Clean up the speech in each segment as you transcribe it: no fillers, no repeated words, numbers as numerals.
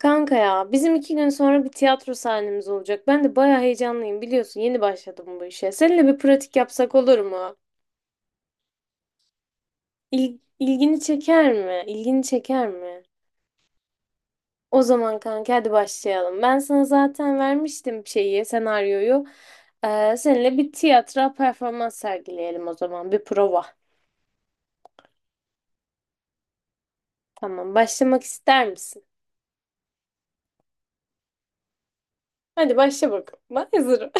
Kanka ya bizim iki gün sonra bir tiyatro sahnemiz olacak. Ben de bayağı heyecanlıyım biliyorsun yeni başladım bu işe. Seninle bir pratik yapsak olur mu? İlgini çeker mi? İlgini çeker mi? O zaman kanka hadi başlayalım. Ben sana zaten vermiştim şeyi, senaryoyu. Seninle bir tiyatro performans sergileyelim o zaman. Bir prova. Tamam başlamak ister misin? Hadi başla bakalım. Ben hazırım.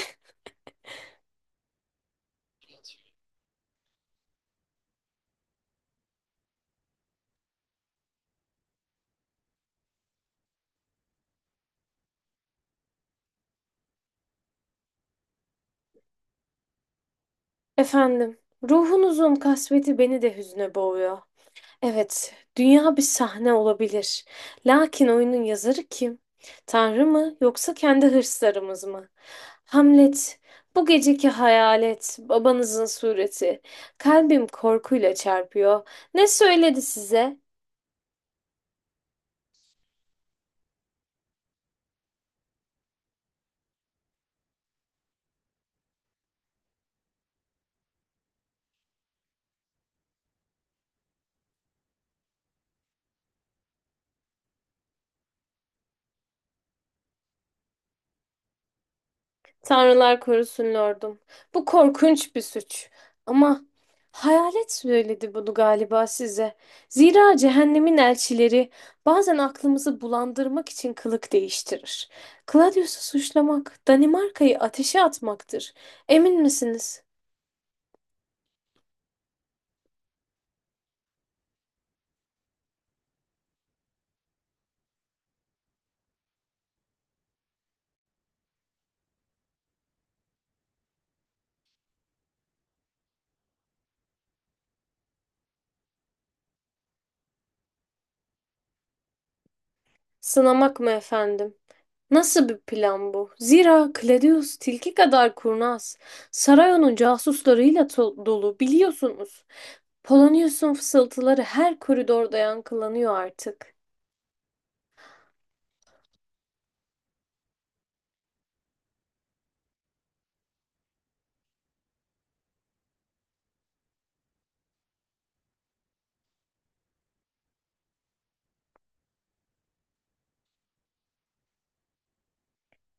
Efendim, ruhunuzun kasveti beni de hüzne boğuyor. Evet, dünya bir sahne olabilir. Lakin oyunun yazarı kim? Tanrı mı yoksa kendi hırslarımız mı? Hamlet, bu geceki hayalet, babanızın sureti. Kalbim korkuyla çarpıyor. Ne söyledi size? Tanrılar korusun lordum. Bu korkunç bir suç. Ama hayalet söyledi bunu galiba size. Zira cehennemin elçileri bazen aklımızı bulandırmak için kılık değiştirir. Claudius'u suçlamak, Danimarka'yı ateşe atmaktır. Emin misiniz? Sınamak mı efendim? Nasıl bir plan bu? Zira Claudius tilki kadar kurnaz. Saray onun casuslarıyla dolu biliyorsunuz. Polonius'un fısıltıları her koridorda yankılanıyor artık.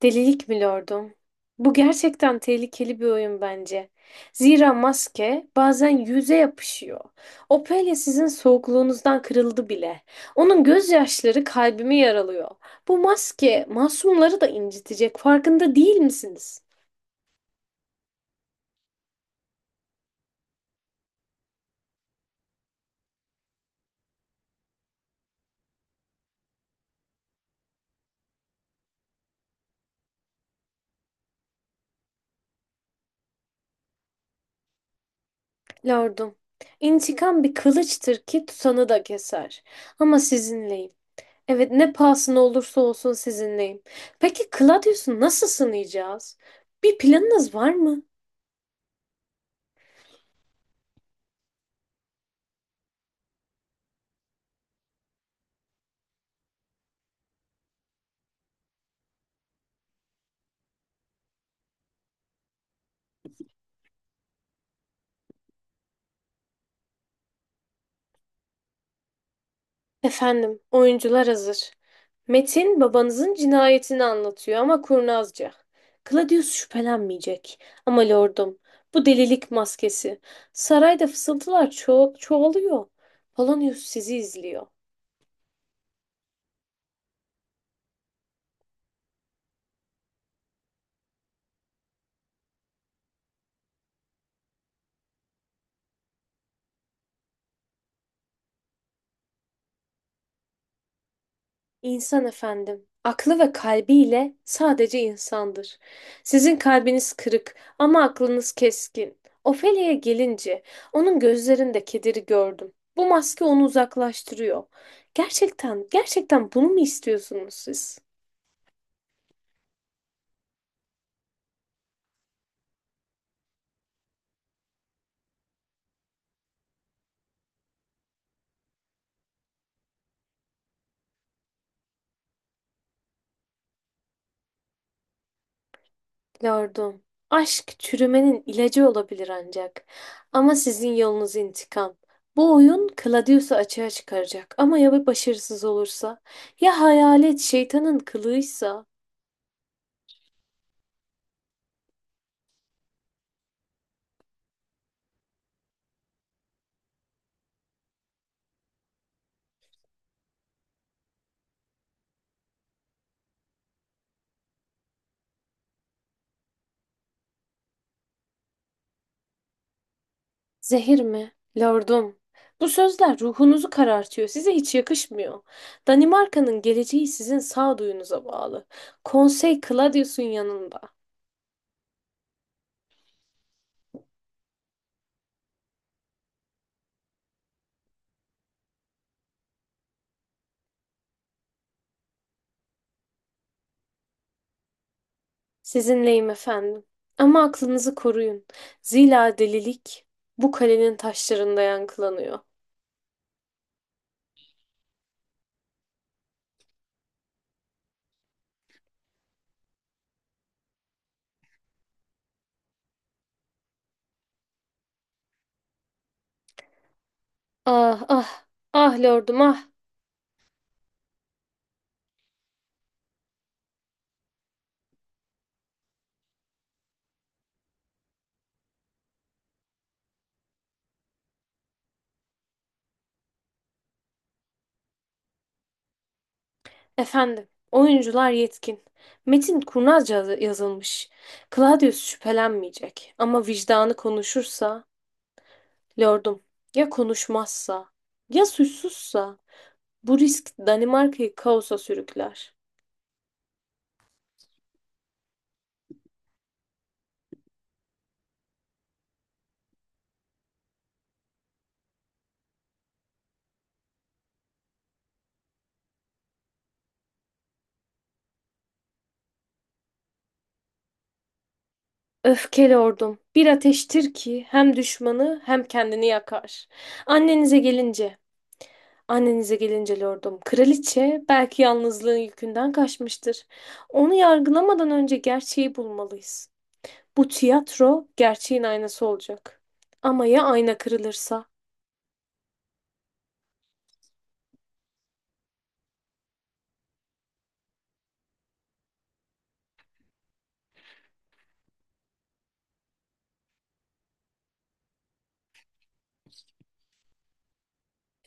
Delilik mi lordum? Bu gerçekten tehlikeli bir oyun bence. Zira maske bazen yüze yapışıyor. Ophelia sizin soğukluğunuzdan kırıldı bile. Onun gözyaşları kalbimi yaralıyor. Bu maske masumları da incitecek. Farkında değil misiniz? Lordum, intikam bir kılıçtır ki tutanı da keser. Ama sizinleyim. Evet, ne pahasına olursa olsun sizinleyim. Peki Claudius'u nasıl sınayacağız? Bir planınız var mı? Efendim, oyuncular hazır. Metin babanızın cinayetini anlatıyor ama kurnazca. Claudius şüphelenmeyecek. Ama lordum, bu delilik maskesi. Sarayda fısıltılar çoğalıyor. Polonius sizi izliyor. İnsan efendim, aklı ve kalbiyle sadece insandır. Sizin kalbiniz kırık ama aklınız keskin. Ofelia'ya gelince onun gözlerinde kederi gördüm. Bu maske onu uzaklaştırıyor. Gerçekten, gerçekten bunu mu istiyorsunuz siz? Lordum, aşk çürümenin ilacı olabilir ancak. Ama sizin yolunuz intikam. Bu oyun Claudius'u açığa çıkaracak ama ya bir başarısız olursa? Ya hayalet şeytanın kılığıysa? Zehir mi? Lordum. Bu sözler ruhunuzu karartıyor. Size hiç yakışmıyor. Danimarka'nın geleceği sizin sağduyunuza bağlı. Konsey Claudius'un yanında. Sizinleyim efendim. Ama aklınızı koruyun. Zira delilik bu kalenin taşlarında yankılanıyor. Ah ah. Ah lordum ah. Efendim. Oyuncular yetkin. Metin kurnazca yazılmış. Claudius şüphelenmeyecek. Ama vicdanı konuşursa lordum, ya konuşmazsa, ya suçsuzsa bu risk Danimarka'yı kaosa sürükler. Öfke lordum, bir ateştir ki hem düşmanı hem kendini yakar. Annenize gelince, annenize gelince lordum, kraliçe belki yalnızlığın yükünden kaçmıştır. Onu yargılamadan önce gerçeği bulmalıyız. Bu tiyatro gerçeğin aynası olacak. Ama ya ayna kırılırsa?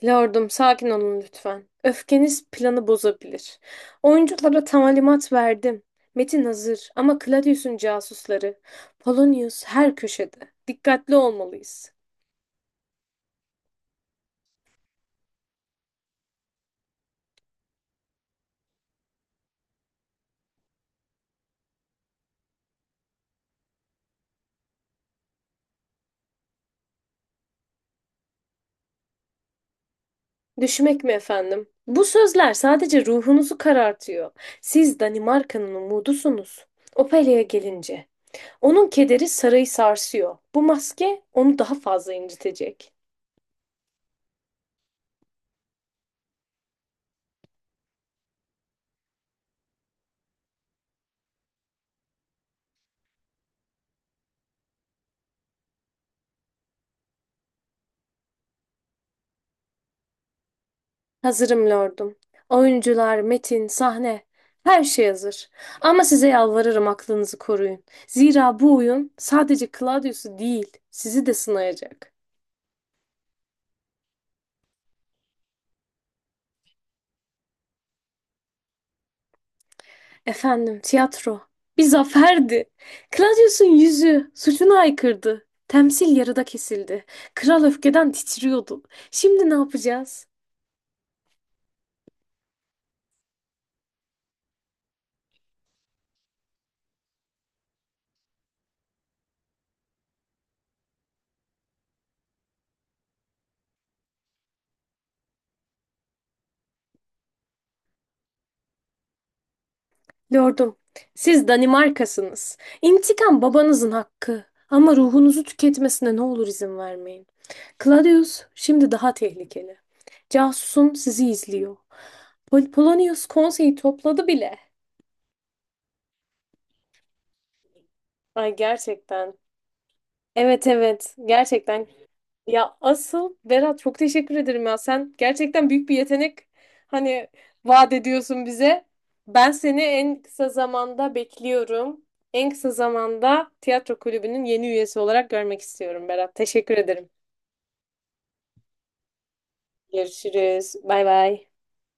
Lordum, sakin olun lütfen. Öfkeniz planı bozabilir. Oyunculara talimat verdim. Metin hazır ama Claudius'un casusları. Polonius her köşede. Dikkatli olmalıyız. Düşmek mi efendim? Bu sözler sadece ruhunuzu karartıyor. Siz Danimarka'nın umudusunuz. Opelia'ya gelince. Onun kederi sarayı sarsıyor. Bu maske onu daha fazla incitecek. Hazırım lordum. Oyuncular, metin, sahne, her şey hazır. Ama size yalvarırım aklınızı koruyun. Zira bu oyun sadece Claudius'u değil, sizi de sınayacak. Efendim, tiyatro bir zaferdi. Claudius'un yüzü suçuna aykırdı. Temsil yarıda kesildi. Kral öfkeden titriyordu. Şimdi ne yapacağız? Lordum, siz Danimarkasınız. İntikam babanızın hakkı. Ama ruhunuzu tüketmesine ne olur izin vermeyin. Claudius şimdi daha tehlikeli. Casusum sizi izliyor. Polonius konseyi topladı bile. Ay gerçekten. Evet evet, gerçekten. Ya asıl Berat çok teşekkür ederim ya. Sen gerçekten büyük bir yetenek hani vaat ediyorsun bize. Ben seni en kısa zamanda bekliyorum. En kısa zamanda tiyatro kulübünün yeni üyesi olarak görmek istiyorum Berat. Teşekkür ederim. Görüşürüz. Bay bay.